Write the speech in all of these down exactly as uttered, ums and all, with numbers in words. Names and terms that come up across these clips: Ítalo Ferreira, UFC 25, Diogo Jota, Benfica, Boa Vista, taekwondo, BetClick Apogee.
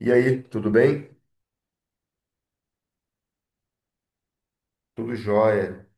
E aí, tudo bem? Tudo jóia.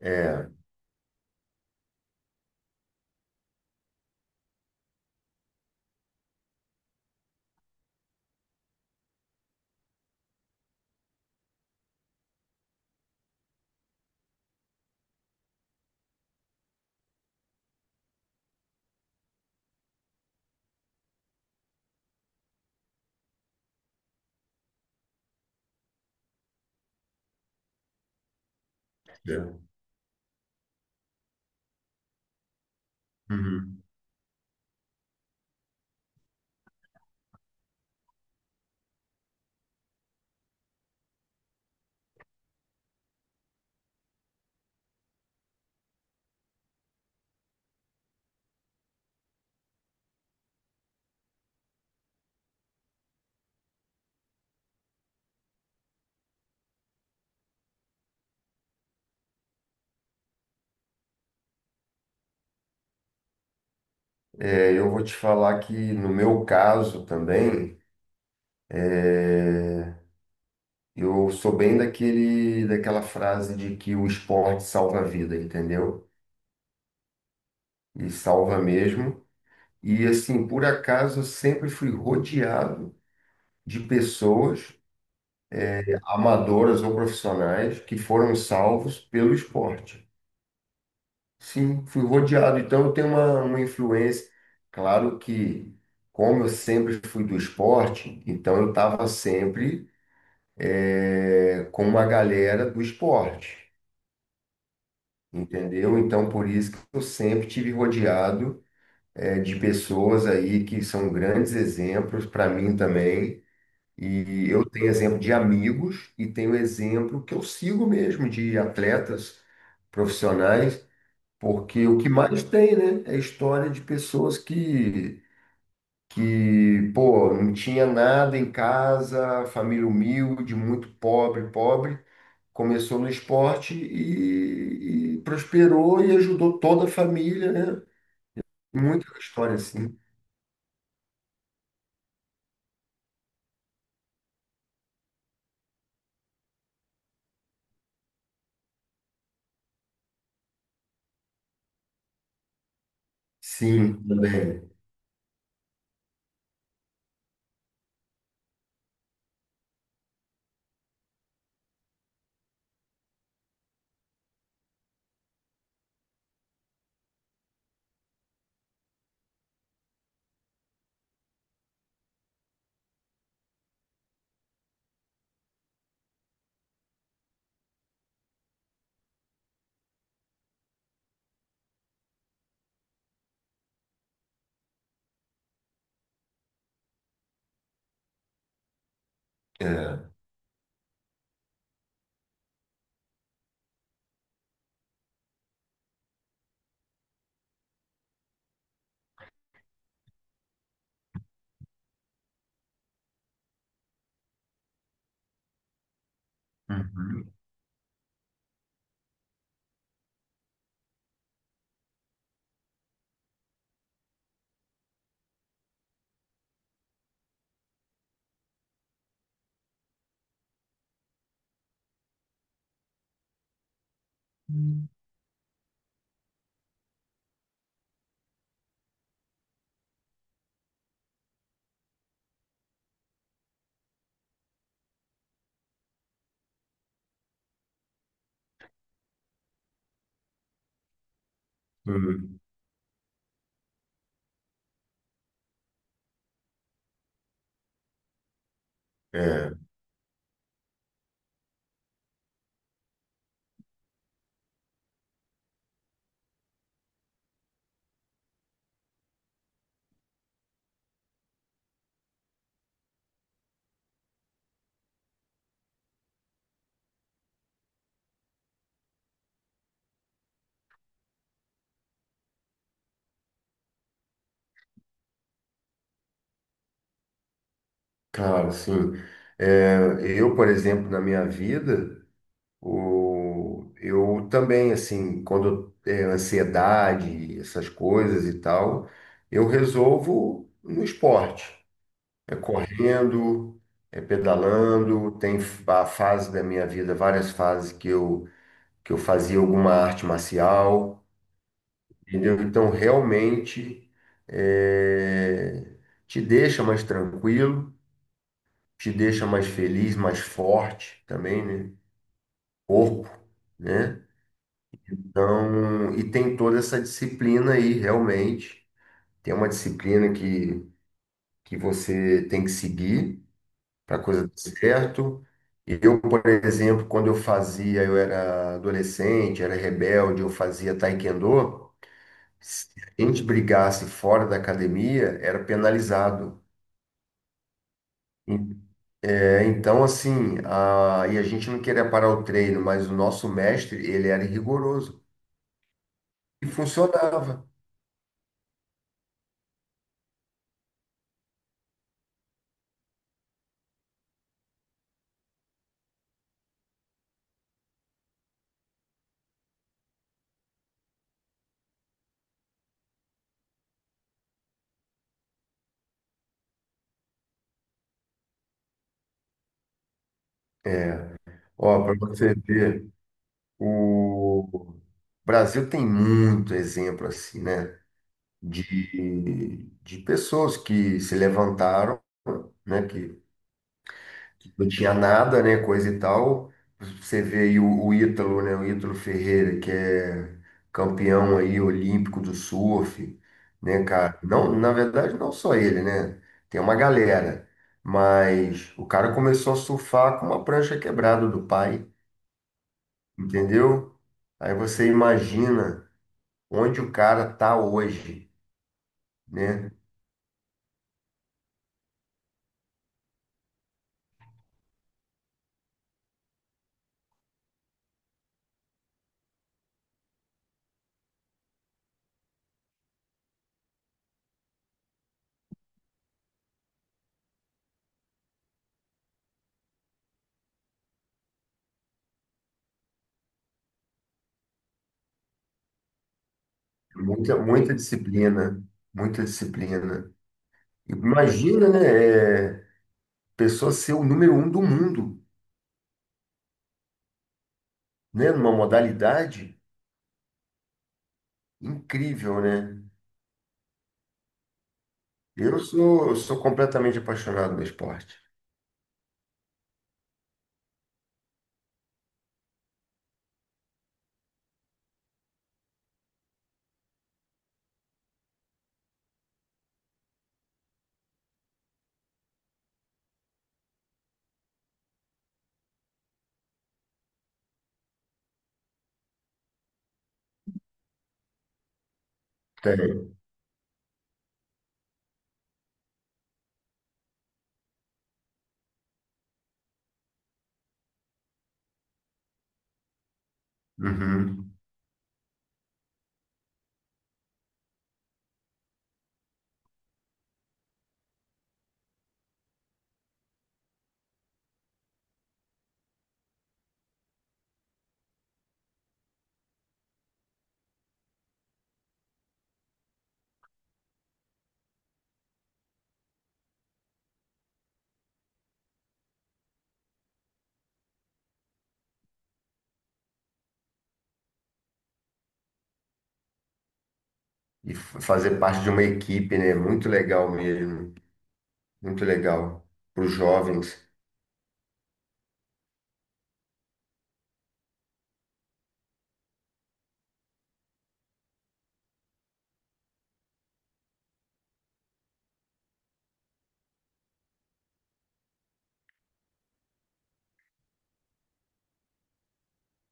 É, é. Uhum. É, eu vou te falar que no meu caso também, é, eu sou bem daquele, daquela frase de que o esporte salva a vida, entendeu? E salva mesmo. E assim, por acaso, eu sempre fui rodeado de pessoas, amadoras ou profissionais, que foram salvos pelo esporte. Sim, fui rodeado. Então, eu tenho uma, uma influência. Claro que, como eu sempre fui do esporte, então eu estava sempre eh, com uma galera do esporte, entendeu? Então, por isso que eu sempre tive rodeado eh, de pessoas aí que são grandes exemplos para mim também. E eu tenho exemplo de amigos e tenho exemplo que eu sigo mesmo de atletas profissionais. Porque o que mais tem, né, é história de pessoas que, que, pô, não tinha nada em casa, família humilde, muito pobre, pobre, começou no esporte e, e prosperou e ajudou toda a família, né? Muita história assim. Sim, também. É. Uhum. Uhum. É, claro, sim. É, eu, por exemplo, na minha vida. O, eu também, assim, quando é ansiedade, essas coisas e tal, eu resolvo no esporte. É correndo, é pedalando, tem a fase da minha vida, várias fases que eu, que eu fazia alguma arte marcial, entendeu? Então, realmente, é, te deixa mais tranquilo, te deixa mais feliz, mais forte também, né? Corpo, né? Então, e tem toda essa disciplina aí, realmente. Tem uma disciplina que, que você tem que seguir para a coisa dar certo. E eu, por exemplo, quando eu fazia, eu era adolescente, era rebelde, eu fazia taekwondo. Se a gente brigasse fora da academia, era penalizado. En- É, então, assim, a, e a gente não queria parar o treino, mas o nosso mestre, ele era rigoroso. E funcionava. É, ó, para você ver. O Brasil tem muito exemplo assim, né? De, de pessoas que se levantaram, né? Que, que não tinha nada, né? Coisa e tal. Você vê aí o, o Ítalo, né? O Ítalo Ferreira, que é campeão aí olímpico do surf, né, cara? Não, na verdade, não só ele, né? Tem uma galera. Mas o cara começou a surfar com uma prancha quebrada do pai, entendeu? Aí você imagina onde o cara está hoje, né? Muita, muita disciplina, muita disciplina. Imagina, né? É, pessoa ser o número um do mundo, né? Numa modalidade incrível, né? Eu sou, eu sou completamente apaixonado no esporte. Tem. Uhum. E f- fazer parte de uma equipe, né? Muito legal mesmo, muito legal para os jovens.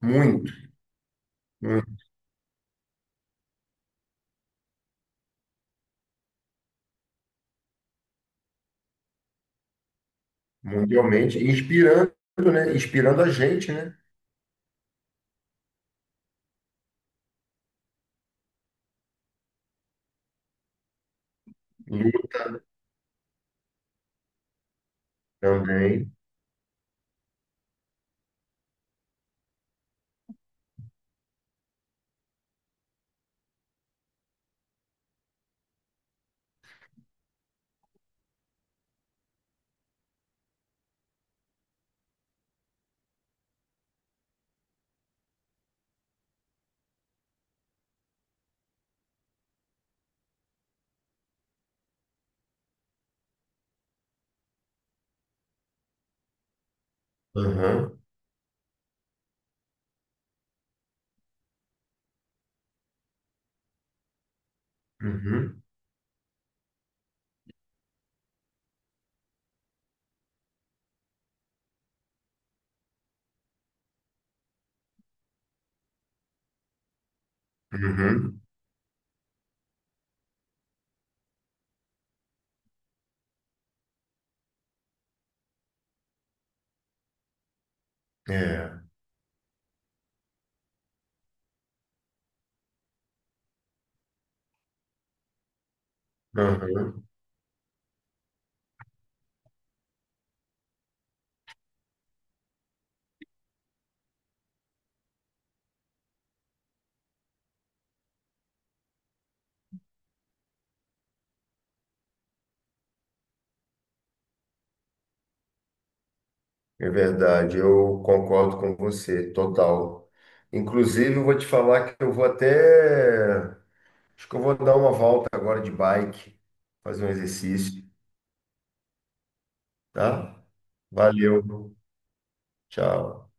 Muito, muito, mundialmente, e inspirando, né? Inspirando a gente, né? E também. Uhum, uhum, uhum. É, uhum, é verdade, eu concordo com você, total. Inclusive, eu vou te falar que eu vou até. Acho que eu vou dar uma volta agora de bike, fazer um exercício, tá? Valeu, tchau.